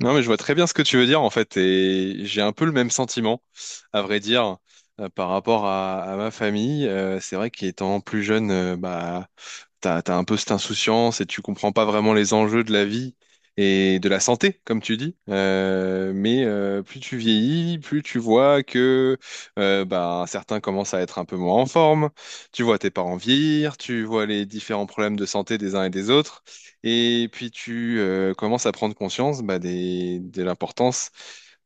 Non, mais je vois très bien ce que tu veux dire en fait, et j'ai un peu le même sentiment, à vrai dire, par rapport à ma famille. C'est vrai qu'étant plus jeune, bah, t'as un peu cette insouciance et tu comprends pas vraiment les enjeux de la vie et de la santé, comme tu dis. Plus tu vieillis, plus tu vois que bah, certains commencent à être un peu moins en forme. Tu vois tes parents vieillir, tu vois les différents problèmes de santé des uns et des autres. Et puis tu commences à prendre conscience bah, de l'importance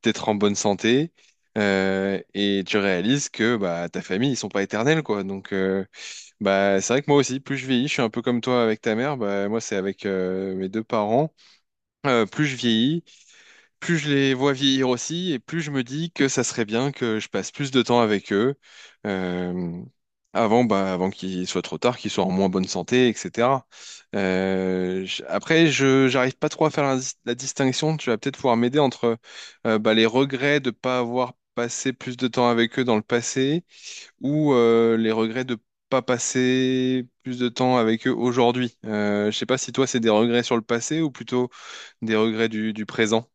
d'être en bonne santé et tu réalises que bah, ta famille, ils sont pas éternels, quoi. Donc bah, c'est vrai que moi aussi, plus je vieillis, je suis un peu comme toi avec ta mère, bah, moi c'est avec mes deux parents. Plus je vieillis, plus je les vois vieillir aussi, et plus je me dis que ça serait bien que je passe plus de temps avec eux euh, avant, bah, avant qu'il soit trop tard, qu'ils soient en moins bonne santé, etc. Après, je j'arrive pas trop à faire la, la distinction. Tu vas peut-être pouvoir m'aider entre bah, les regrets de pas avoir passé plus de temps avec eux dans le passé ou les regrets de pas passer plus de temps avec eux aujourd'hui. Je sais pas si toi c'est des regrets sur le passé ou plutôt des regrets du présent.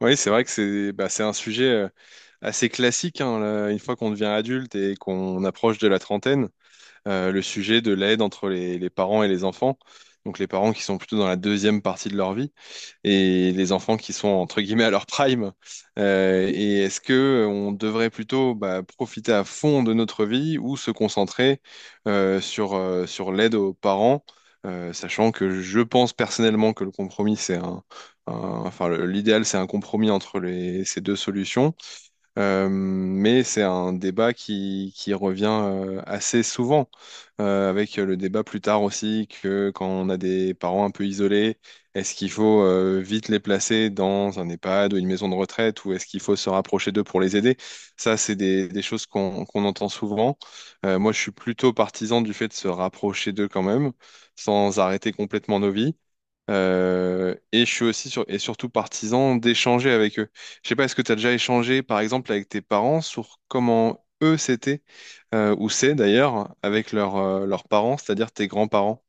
Oui, c'est vrai que c'est bah, c'est un sujet assez classique, hein, là, une fois qu'on devient adulte et qu'on approche de la trentaine, le sujet de l'aide entre les parents et les enfants, donc les parents qui sont plutôt dans la deuxième partie de leur vie, et les enfants qui sont entre guillemets à leur prime. Et est-ce que on devrait plutôt bah, profiter à fond de notre vie ou se concentrer sur l'aide aux parents, sachant que je pense personnellement que le compromis, c'est un- enfin l'idéal, c'est un compromis entre ces deux solutions. Mais c'est un débat qui revient assez souvent, avec le débat plus tard aussi que quand on a des parents un peu isolés, est-ce qu'il faut vite les placer dans un EHPAD ou une maison de retraite, ou est-ce qu'il faut se rapprocher d'eux pour les aider? Ça, c'est des choses qu'on entend souvent. Moi, je suis plutôt partisan du fait de se rapprocher d'eux quand même, sans arrêter complètement nos vies. Et je suis aussi sur, et surtout partisan d'échanger avec eux. Je sais pas, est-ce que tu as déjà échangé, par exemple, avec tes parents sur comment eux c'était, ou c'est d'ailleurs, avec leurs leurs parents, c'est-à-dire tes grands-parents?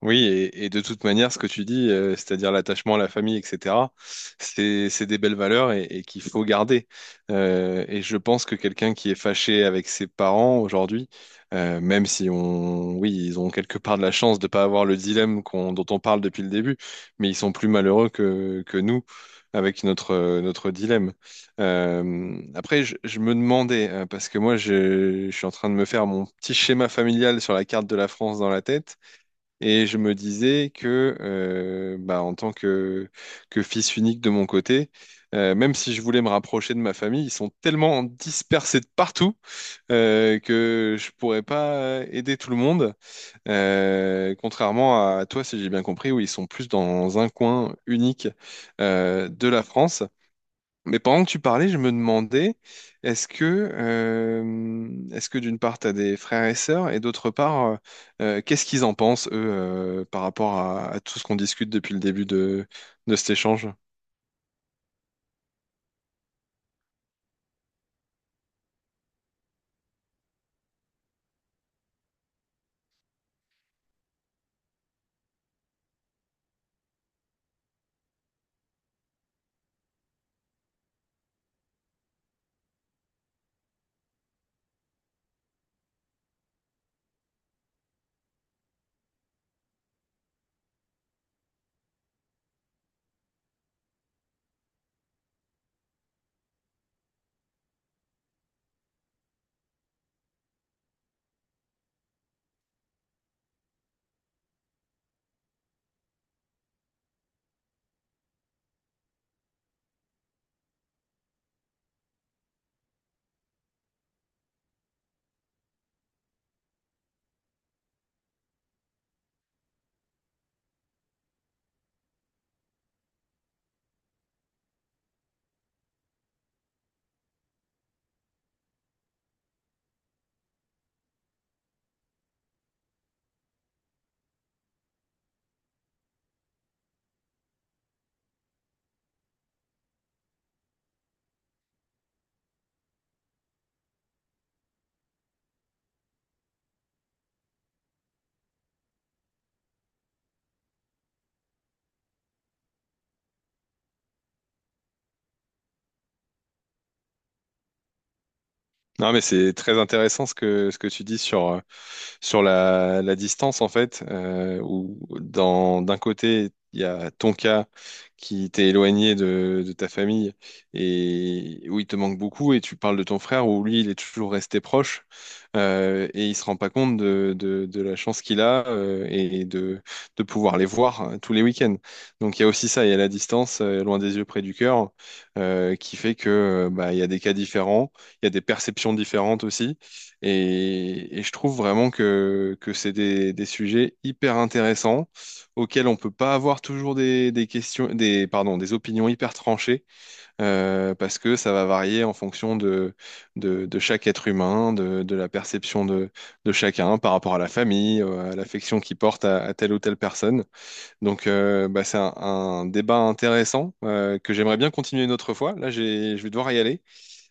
Oui, et de toute manière, ce que tu dis, c'est-à-dire l'attachement à la famille, etc., c'est des belles valeurs et qu'il faut garder. Et je pense que quelqu'un qui est fâché avec ses parents aujourd'hui, même si on, oui, ils ont quelque part de la chance de ne pas avoir le dilemme dont on parle depuis le début, mais ils sont plus malheureux que nous avec notre, notre dilemme. Après, je me demandais, parce que moi, je suis en train de me faire mon petit schéma familial sur la carte de la France dans la tête. Et je me disais que, bah, que fils unique de mon côté, même si je voulais me rapprocher de ma famille, ils sont tellement dispersés de partout que je pourrais pas aider tout le monde. Contrairement à toi, si j'ai bien compris, où ils sont plus dans un coin unique de la France. Mais pendant que tu parlais, je me demandais, est-ce que d'une part, tu as des frères et sœurs, et d'autre part, qu'est-ce qu'ils en pensent, eux, par rapport à tout ce qu'on discute depuis le début de cet échange? Non, mais c'est très intéressant ce que tu dis sur, sur la distance, en fait, où dans, d'un côté, il y a ton cas qui t'est éloigné de ta famille et où il te manque beaucoup, et tu parles de ton frère où lui, il est toujours resté proche et il se rend pas compte de la chance qu'il a et de pouvoir les voir tous les week-ends. Donc, il y a aussi ça, il y a la distance, loin des yeux, près du cœur, qui fait que bah, il y a des cas différents, il y a des perceptions différentes aussi. Et je trouve vraiment que c'est des sujets hyper intéressants auxquels on peut pas avoir toujours pardon, des opinions hyper tranchées parce que ça va varier en fonction de, de chaque être humain, de la perception de chacun par rapport à la famille, à l'affection qu'il porte à telle ou telle personne. Donc, bah, c'est un débat intéressant que j'aimerais bien continuer une autre fois. Là, j'ai, je vais devoir y aller.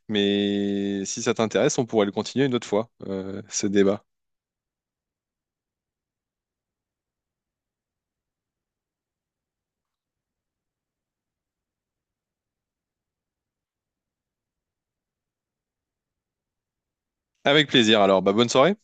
Mais si ça t'intéresse, on pourrait le continuer une autre fois, ce débat. Avec plaisir. Alors, bah, bonne soirée.